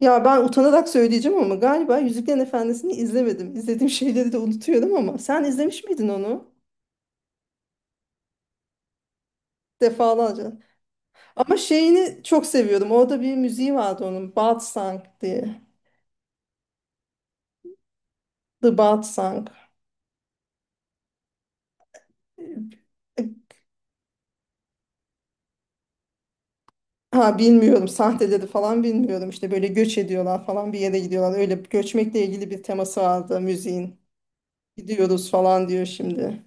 Ya ben utanarak söyleyeceğim ama galiba Yüzüklerin Efendisi'ni izlemedim. İzlediğim şeyleri de unutuyorum ama sen izlemiş miydin onu? Defalarca. Ama şeyini çok seviyorum. Orada bir müziği vardı onun. Song diye. The Song. Ha bilmiyorum sahteleri falan bilmiyorum. İşte böyle göç ediyorlar falan bir yere gidiyorlar. Öyle göçmekle ilgili bir teması vardı müziğin. Gidiyoruz falan diyor şimdi.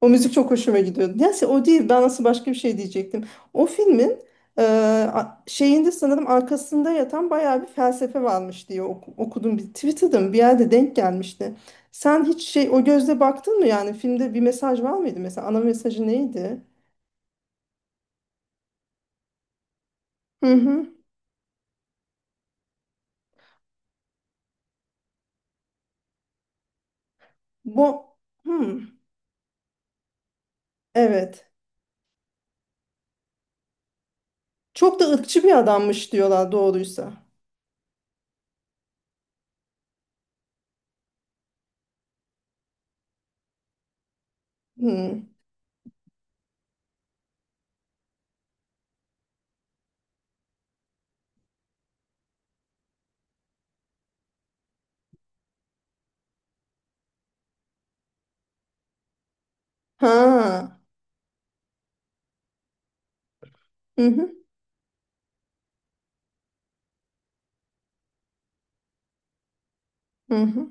O müzik çok hoşuma gidiyordu. Neyse o değil. Ben nasıl başka bir şey diyecektim. O filmin e, şeyinde sanırım arkasında yatan bayağı bir felsefe varmış diye okudum. Bir, Twitter'da mı bir yerde denk gelmişti. Sen hiç şey o gözle baktın mı yani? Filmde bir mesaj var mıydı mesela? Ana mesajı neydi? Hı hı. Bu hı. Evet. Çok da ırkçı bir adammış diyorlar doğruysa. Hı. Ha. Hı hı. Hı hı.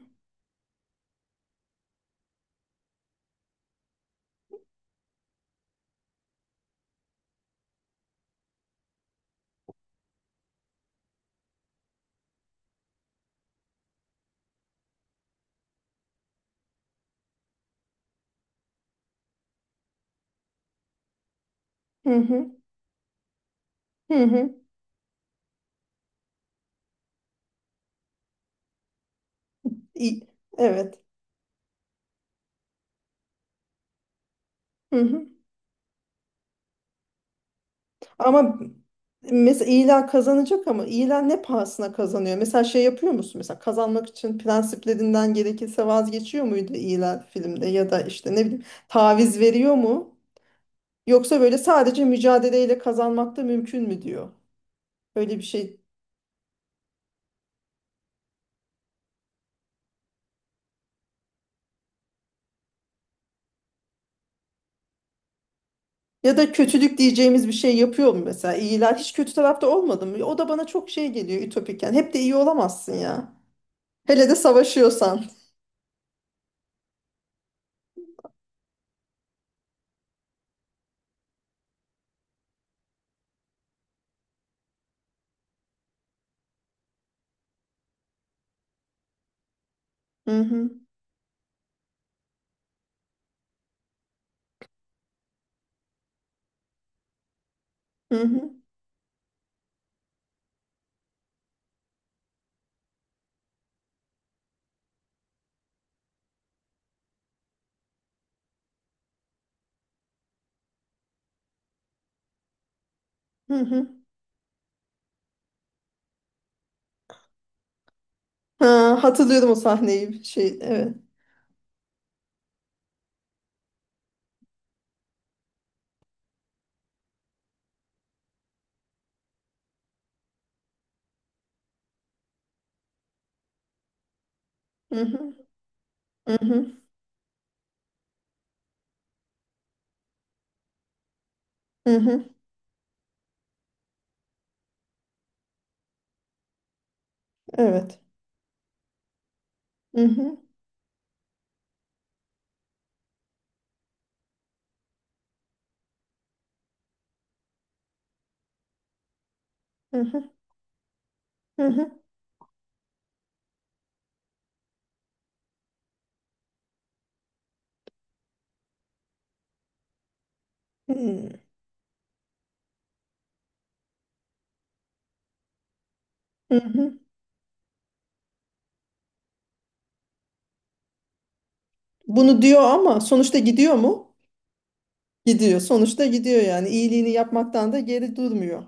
Hı hı. Hı hı. İ- Evet. Hı hı. Ama mesela ilan kazanacak ama ilan ne pahasına kazanıyor? Mesela şey yapıyor musun? Mesela kazanmak için prensiplerinden gerekirse vazgeçiyor muydu ilan filmde ya da işte ne bileyim taviz veriyor mu? Yoksa böyle sadece mücadeleyle kazanmak da mümkün mü diyor? Öyle bir şey. Ya da kötülük diyeceğimiz bir şey yapıyor mu mesela? İlan hiç kötü tarafta olmadı mı? O da bana çok şey geliyor ütopik yani. Hep de iyi olamazsın ya. Hele de savaşıyorsan. Hı hı. Hı hı. Hı hı. Ha, hatırlıyorum o sahneyi. Şey, evet. Hı hı. Hı hı. Hı hı. Evet. Hı hı. Hı hı. Hı hı. Hmm. Hı hı. Bunu diyor ama sonuçta gidiyor mu? Gidiyor. Sonuçta gidiyor yani. İyiliğini yapmaktan da geri durmuyor.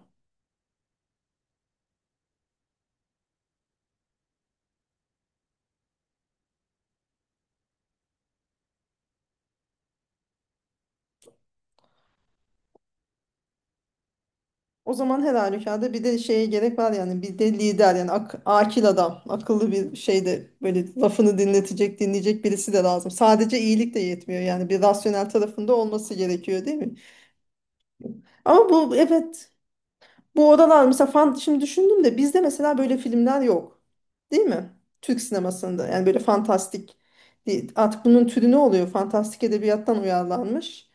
O zaman her halükarda bir de şeye gerek var yani bir de lider yani akil adam akıllı bir şeyde böyle lafını dinletecek dinleyecek birisi de lazım. Sadece iyilik de yetmiyor yani bir rasyonel tarafında olması gerekiyor değil mi? Ama bu evet bu odalar mesela şimdi düşündüm de bizde mesela böyle filmler yok değil mi? Türk sinemasında yani böyle fantastik değil. Artık bunun türü ne oluyor? Fantastik edebiyattan uyarlanmış.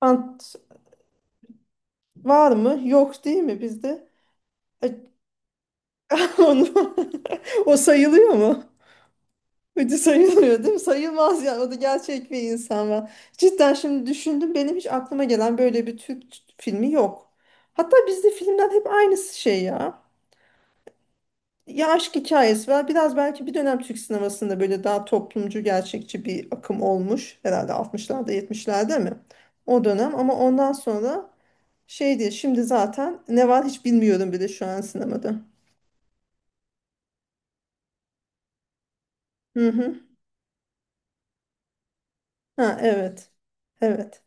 Fant Var mı? Yok değil mi bizde? E, Onu, o sayılıyor mu? Hadi sayılmıyor değil mi? Sayılmaz yani. O da gerçek bir insan var. Cidden şimdi düşündüm. Benim hiç aklıma gelen böyle bir Türk filmi yok. Hatta bizde filmden hep aynısı şey ya. Ya aşk hikayesi var. Biraz belki bir dönem Türk sinemasında böyle daha toplumcu, gerçekçi bir akım olmuş. Herhalde 60'larda, 70'lerde mi? O dönem ama ondan sonra şey diye şimdi zaten ne var hiç bilmiyorum bile şu an sinemada. Hı hı. Ha evet. Evet.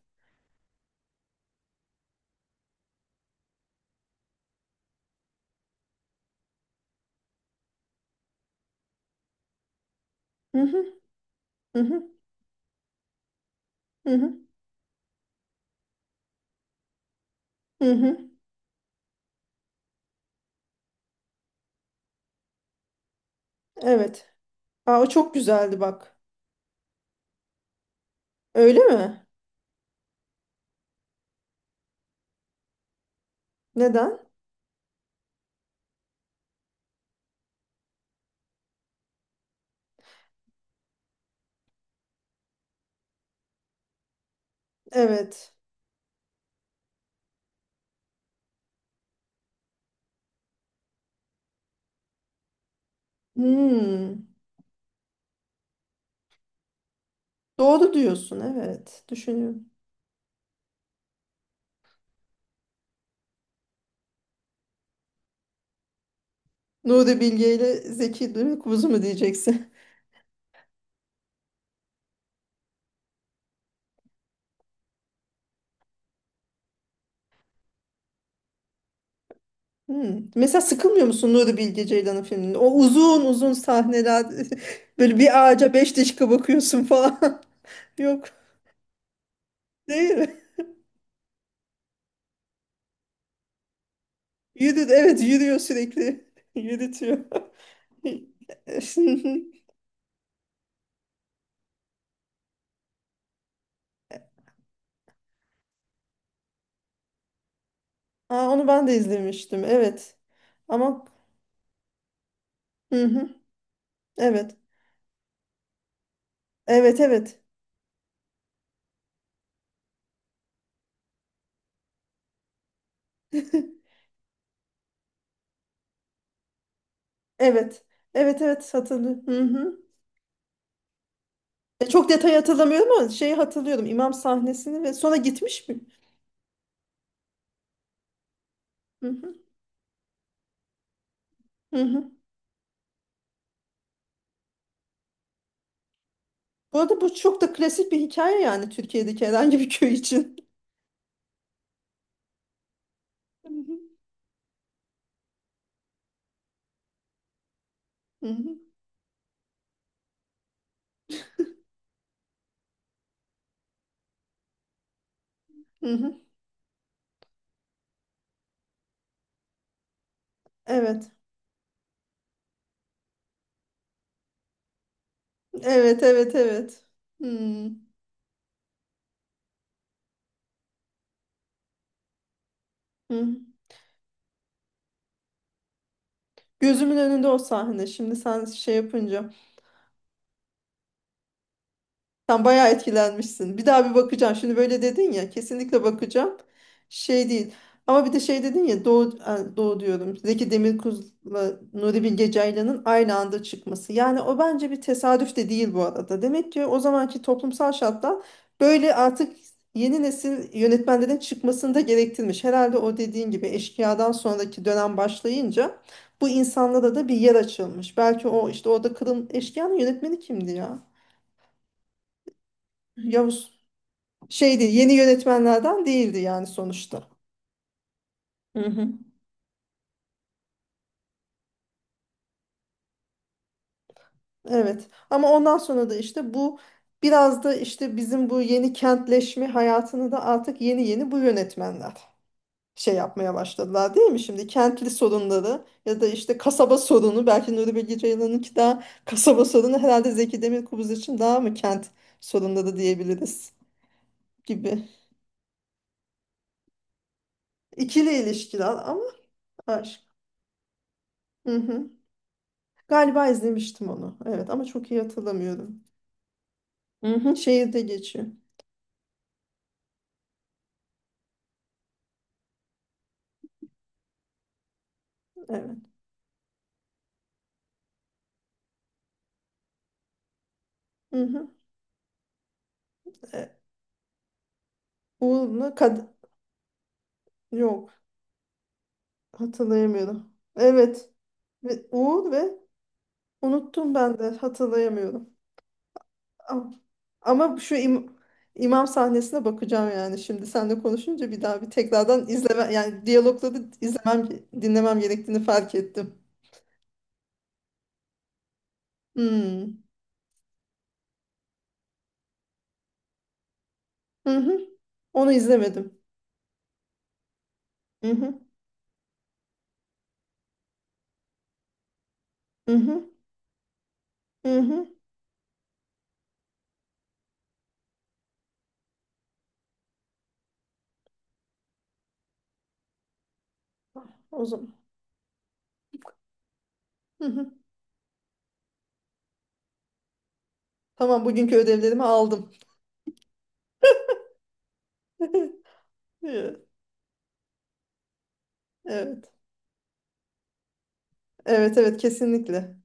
Hı hı. Hı hı, hı hı, hı hı. Evet. Aa, o çok güzeldi bak. Öyle mi? Neden? Evet. Hmm. Doğru diyorsun. Evet. Düşünüyorum. Nuri Bilge ile Zeki Demirkubuz mu diyeceksin? Hmm. Mesela sıkılmıyor musun Nuri Bilge Ceylan'ın filminde? O uzun uzun sahneler böyle bir ağaca beş dakika bakıyorsun falan. Yok. Değil mi? Yürü, evet yürüyor sürekli. Yürütüyor. Aa, onu ben de izlemiştim. Evet. Ama hı hı. Evet. Evet evet. Evet. Evet evet hatırlıyorum. Hı hı. Çok detay hatırlamıyorum ama şeyi hatırlıyorum. İmam sahnesini ve sonra gitmiş mi? Hı hı. Hı hı. Bu arada bu çok da klasik bir hikaye yani Türkiye'deki herhangi bir köy için. Hı hı. Hı hı. Hı hı. Evet. Evet evet evet. Hmm. Hı. Gözümün önünde o sahne. Şimdi sen şey yapınca. Sen bayağı etkilenmişsin. Bir daha bir bakacağım. Şimdi böyle dedin ya, kesinlikle bakacağım. Şey değil. Ama bir de şey dedin ya, Doğu, Doğu diyorum. Zeki Demirkubuz'la Nuri Bilge Ceylan'ın aynı anda çıkması. Yani o bence bir tesadüf de değil bu arada. Demek ki o zamanki toplumsal şartlar böyle artık yeni nesil yönetmenlerin çıkmasını da gerektirmiş. Herhalde o dediğin gibi Eşkıya'dan sonraki dönem başlayınca bu insanlara da bir yer açılmış. Belki o işte orada Kırım Eşkıya'nın yönetmeni kimdi ya? Yavuz şey değil yeni yönetmenlerden değildi yani sonuçta. Hı hı. Evet ama ondan sonra da işte bu biraz da işte bizim bu yeni kentleşme hayatını da artık yeni yeni bu yönetmenler şey yapmaya başladılar değil mi şimdi kentli sorunları ya da işte kasaba sorunu belki Nuri Bilge Ceylan'ınki daha kasaba sorunu herhalde Zeki Demirkubuz için daha mı kent sorunları diyebiliriz gibi İkili ilişkiler ama aşk. Hı hı. Galiba izlemiştim onu evet ama çok iyi hatırlamıyorum. Hı hı, şehirde geçiyor. Evet. Hı hı. E, Uğur'la kad yok hatırlayamıyorum. Evet. Ve Uğur ve unuttum ben de hatırlayamıyorum. Ama, ama imam sahnesine bakacağım yani şimdi seninle konuşunca bir daha bir tekrardan izleme yani diyalogları izlemem dinlemem gerektiğini fark ettim. Hmm. Hı hı. Onu izlemedim. Hı hı. Hı hı. Hı hı. O zaman. Hı hı. Tamam bugünkü ödevlerimi aldım. Evet. Evet evet kesinlikle.